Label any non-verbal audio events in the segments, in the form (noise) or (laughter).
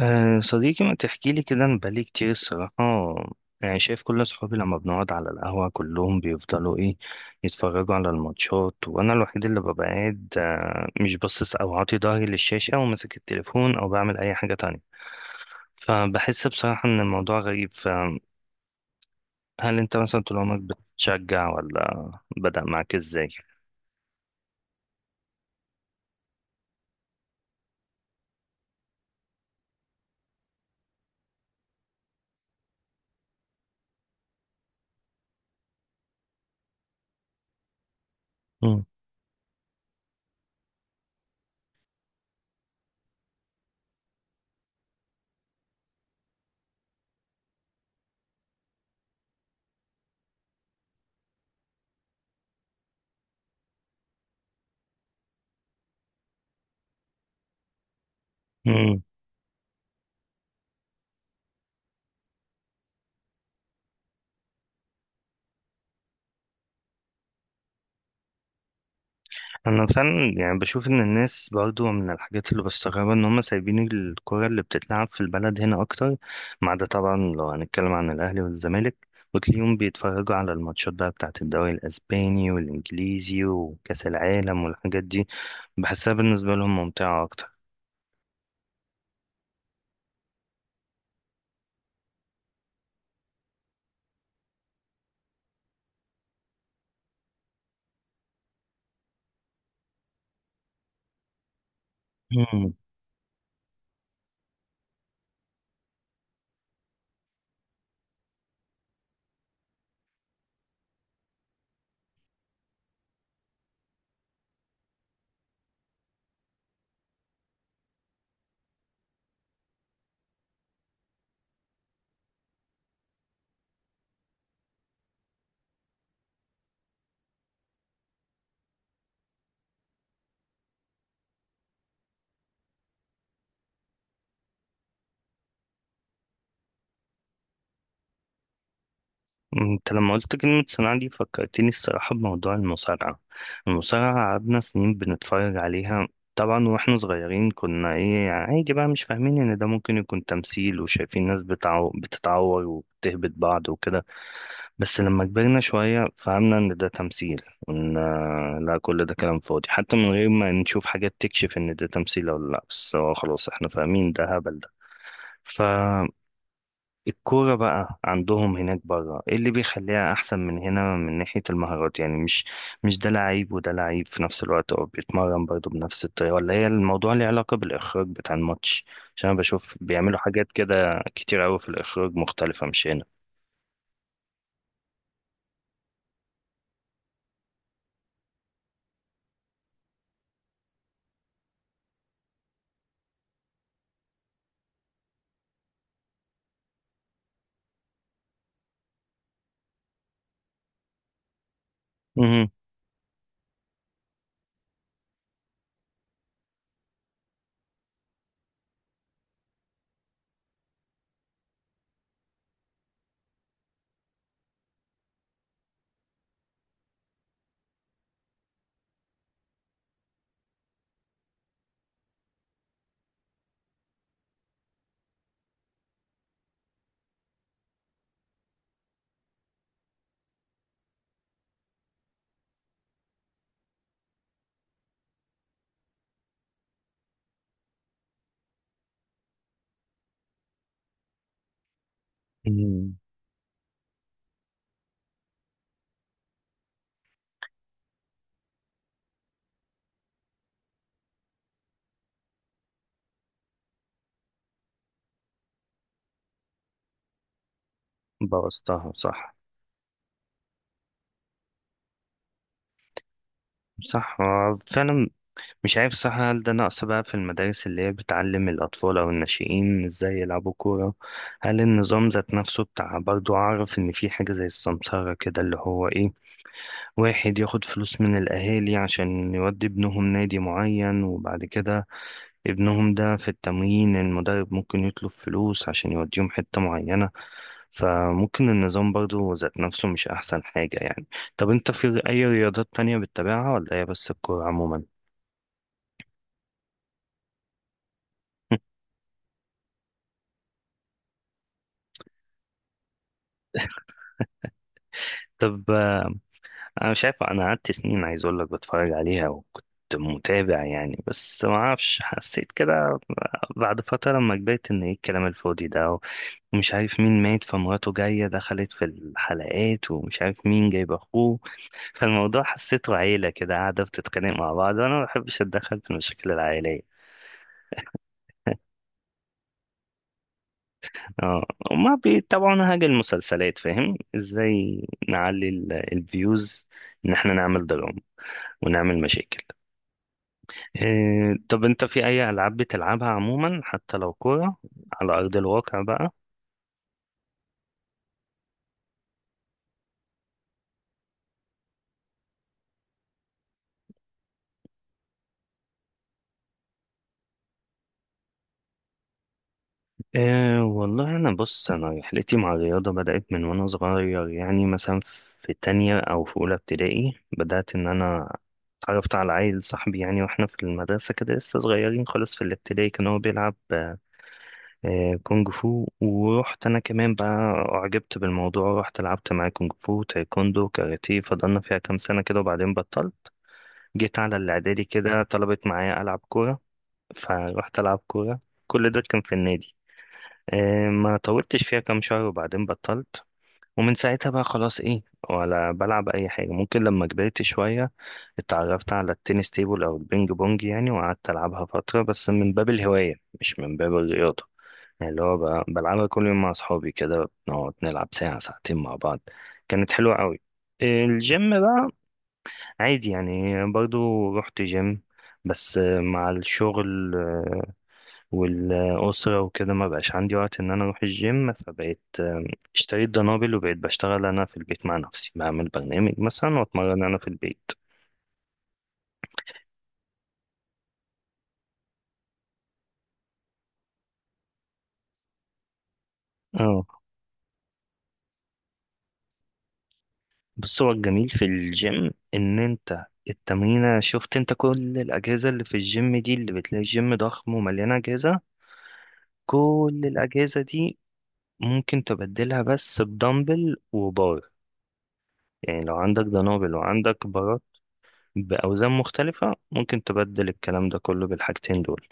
أه صديقي ما تحكي لي كده، انا بقالي كتير الصراحة. يعني شايف كل اصحابي لما بنقعد على القهوة كلهم بيفضلوا ايه، يتفرجوا على الماتشات، وانا الوحيد اللي ببقى قاعد مش باصص او عاطي ظهري للشاشة وماسك التليفون او بعمل اي حاجة تانية. فبحس بصراحة ان الموضوع غريب. فهل انت مثلا طول عمرك بتشجع، ولا بدأ معاك ازاي؟ مم. انا فعلا يعني بشوف ان الناس برضو من الحاجات اللي بستغربها ان هم سايبين الكرة اللي بتتلعب في البلد هنا اكتر، ما عدا طبعا لو هنتكلم عن الاهلي والزمالك، وتلاقيهم بيتفرجوا على الماتشات بقى بتاعت الدوري الاسباني والانجليزي وكاس العالم والحاجات دي. بحسها بالنسبة لهم ممتعة اكتر. انت لما قلت كلمة صناعة دي فكرتني الصراحة بموضوع المصارعة. المصارعة قعدنا سنين بنتفرج عليها. طبعا واحنا صغيرين كنا ايه يعني، عادي بقى، مش فاهمين ان ده ممكن يكون تمثيل، وشايفين ناس بتتعور وبتهبط بعض وكده. بس لما كبرنا شوية فهمنا ان ده تمثيل، وان لا، كل ده كلام فاضي، حتى من غير ما نشوف حاجات تكشف ان ده تمثيل ولا لا، بس هو خلاص احنا فاهمين ده هبل. ده الكورة بقى عندهم هناك بره، ايه اللي بيخليها احسن من هنا من ناحية المهارات؟ يعني مش ده لعيب وده لعيب في نفس الوقت، او بيتمرن برضه بنفس الطريقة، ولا هي الموضوع ليه علاقة بالاخراج بتاع الماتش؟ عشان انا بشوف بيعملوا حاجات كده كتير قوي في الاخراج مختلفة مش هنا. امم بوظتها صح. صح، هو فعلا. مش عارف صح، هل ده نقص بقى في المدارس اللي هي بتعلم الأطفال أو الناشئين إزاي يلعبوا كورة؟ هل النظام ذات نفسه بتاع، برضو أعرف إن في حاجة زي السمسرة كده اللي هو إيه، واحد ياخد فلوس من الأهالي عشان يودي ابنهم نادي معين، وبعد كده ابنهم ده في التمرين المدرب ممكن يطلب فلوس عشان يوديهم حتة معينة. فممكن النظام برضو ذات نفسه مش أحسن حاجة يعني. طب أنت في أي رياضات تانية بتتابعها، ولا هي بس الكورة عموما؟ (laughs) طب انا مش عارف، انا قعدت سنين عايز اقول لك بتفرج عليها، وكنت متابع يعني، بس ما اعرفش حسيت كده بعد فتره لما كبرت ان ايه الكلام الفاضي ده، ومش عارف مين مات فمراته جايه دخلت في الحلقات، ومش عارف مين جايب اخوه. فالموضوع حسيته عيله كده قاعده بتتخانق مع بعض، وانا ما بحبش اتدخل في المشاكل العائليه. اه، وما بيتابعونا حاجه المسلسلات، فاهم، ازاي نعلي الفيوز، ان احنا نعمل دراما ونعمل مشاكل. طب انت في اي العاب بتلعبها عموما، حتى لو كوره على ارض الواقع بقى؟ إيه والله، انا بص، انا رحلتي مع الرياضه بدات من وانا صغير يعني. مثلا في تانية او في اولى ابتدائي بدات ان انا اتعرفت على عيل صاحبي يعني، واحنا في المدرسه كده لسه صغيرين خالص في الابتدائي، كان هو بيلعب كونج فو، ورحت انا كمان بقى، اعجبت بالموضوع، رحت لعبت معاه كونج فو، تايكوندو، كاراتيه. فضلنا فيها كام سنه كده وبعدين بطلت. جيت على الإعدادي كده طلبت معايا ألعب كورة، فروحت ألعب كورة. كل ده كان في النادي. ما طولتش فيها كام شهر وبعدين بطلت. ومن ساعتها بقى خلاص إيه، ولا بلعب أي حاجة. ممكن لما كبرت شوية اتعرفت على التنس تيبل أو البينج بونج يعني، وقعدت ألعبها فترة بس من باب الهواية، مش من باب الرياضة. يعني اللي هو بلعبها كل يوم مع أصحابي، كده بنقعد نلعب ساعة ساعتين مع بعض. كانت حلوة قوي. الجيم بقى عادي يعني، برضو رحت جيم، بس مع الشغل والأسرة وكده ما بقاش عندي وقت إن أنا أروح الجيم. فبقيت اشتريت دنابل، وبقيت بشتغل أنا في البيت مع نفسي، بعمل برنامج مثلا وأتمرن أنا في البيت. اه، بس هو الجميل في الجيم، إن أنت التمرينة، شفت أنت كل الأجهزة اللي في الجيم دي، اللي بتلاقي الجيم ضخم ومليانة أجهزة، كل الأجهزة دي ممكن تبدلها بس بدمبل وبار. يعني لو عندك دنابل وعندك بارات بأوزان مختلفة، ممكن تبدل الكلام ده كله بالحاجتين دول.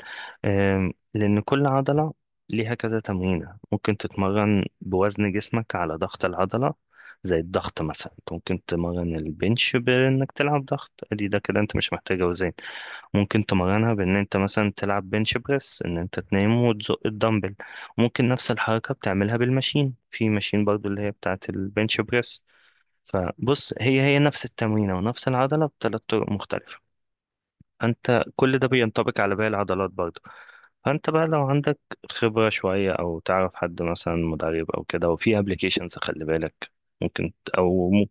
لأن كل عضلة ليها كذا تمرينة، ممكن تتمرن بوزن جسمك على ضغط العضلة. زي الضغط مثلا، أنت ممكن تمرن البنش بإنك تلعب ضغط، أدي ده كده أنت مش محتاج أوزان. ممكن تمرنها بإن أنت مثلا تلعب بنش بريس، إن أنت تنام وتزق الدمبل. ممكن نفس الحركة بتعملها بالماشين، في ماشين برضو اللي هي بتاعة البنش بريس. فبص، هي نفس التمرينة ونفس العضلة بثلاث طرق مختلفة. فأنت كل ده بينطبق على باقي العضلات برضه. فأنت بقى لو عندك خبرة شوية، أو تعرف حد مثلا مدرب أو كده، وفي أبلكيشنز خلي بالك، ممكن ت- أو م...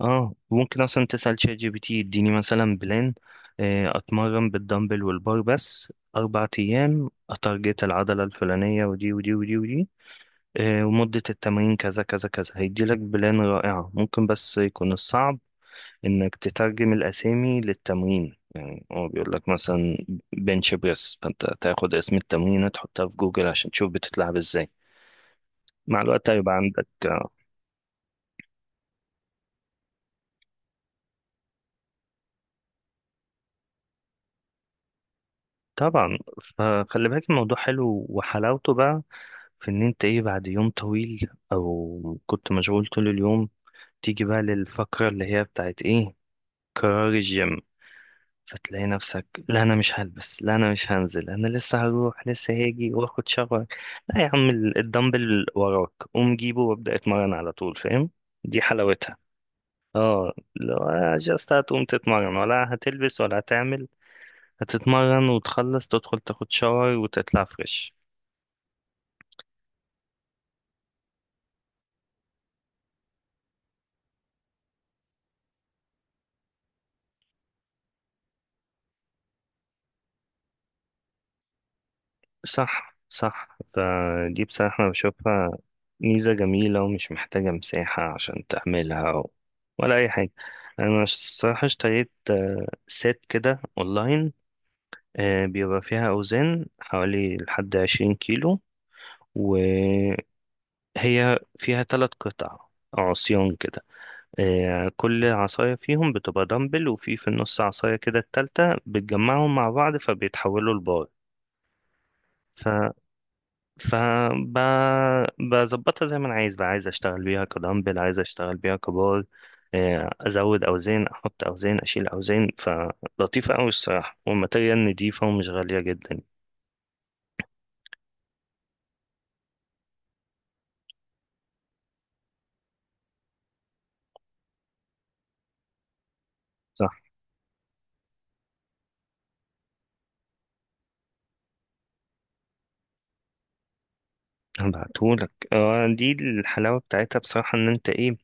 آه، ممكن أصلا تسأل شات جي بي تي، يديني مثلا بلان، أتمرن بالدمبل والبار بس 4 أيام، أتارجت العضلة الفلانية ودي ودي ودي ودي، ومدة التمرين كذا كذا كذا. هيديلك بلان رائعة، ممكن بس يكون الصعب انك تترجم الاسامي للتمرين. يعني هو بيقول لك مثلا بنش بريس، فانت تاخد اسم التمرينه تحطها في جوجل عشان تشوف بتتلعب ازاي. مع الوقت هيبقى عندك طبعا. فخلي بالك الموضوع حلو، وحلاوته بقى في ان انت ايه، بعد يوم طويل او كنت مشغول طول اليوم، تيجي بقى للفقرة اللي هي بتاعت ايه، قرار الجيم، فتلاقي نفسك لا انا مش هلبس، لا انا مش هنزل، انا لسه هروح، لسه هاجي واخد شاور. لا يا عم، الدمبل وراك، قوم جيبه وابدأ اتمرن على طول، فاهم؟ دي حلاوتها. اه، لو جاست هتقوم تتمرن ولا هتلبس ولا هتعمل، هتتمرن وتخلص تدخل تاخد شاور وتطلع فريش. صح صح، فدي بصراحة أنا بشوفها ميزة جميلة، ومش محتاجة مساحة عشان تعملها ولا أي حاجة. أنا الصراحة اشتريت سيت كده أونلاين، بيبقى فيها أوزان حوالي لحد 20 كيلو، وهي فيها تلات قطع عصيان كده. كل عصاية فيهم بتبقى دمبل، وفي في النص عصاية كده التالتة بتجمعهم مع بعض فبيتحولوا لبار. فبظبطها زي ما انا عايز بقى، عايز اشتغل بيها كدمبل، عايز اشتغل بيها كبار، ازود اوزان، احط اوزان، اشيل اوزان. فلطيفه قوي الصراحه، والماتيريال نضيفه ومش غاليه جدا. صح. هبعتهولك. دي الحلاوه بتاعتها بصراحه، ان انت ايه،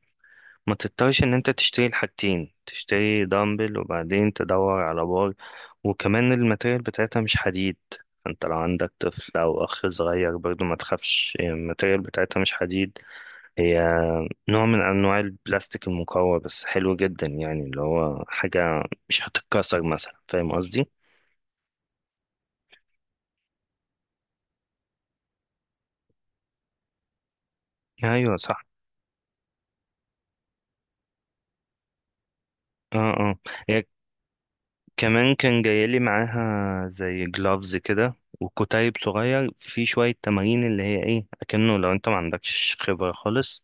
ما تضطرش ان انت تشتري الحاجتين، تشتري دمبل وبعدين تدور على بار. وكمان الماتيريال بتاعتها مش حديد. انت لو عندك طفل او اخ صغير برضو ما تخافش، الماتيريال بتاعتها مش حديد. هي نوع من أنواع البلاستيك المقوى بس حلو جدا يعني، اللي هو حاجة مش هتتكسر مثلا، فاهم قصدي؟ أيوة صح. اه اه. هي كمان كان جايلي معاها زي جلافز كده، وكتيب صغير في شوية تمارين اللي هي ايه، أكنه لو انت ما عندكش خبرة خالص،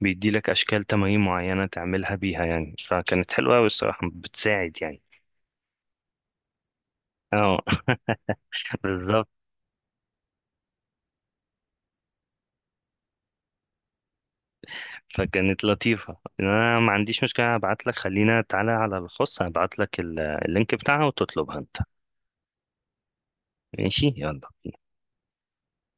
بيديلك أشكال تمارين معينة تعملها بيها، يعني فكانت حلوة أوي الصراحة، بتساعد يعني. اه. (laughs) بالظبط. فكانت لطيفة. انا ما عنديش مشكلة، ابعت لك، خلينا تعالى على الخاص ابعت لك اللينك بتاعها وتطلبها انت. ماشي يلا.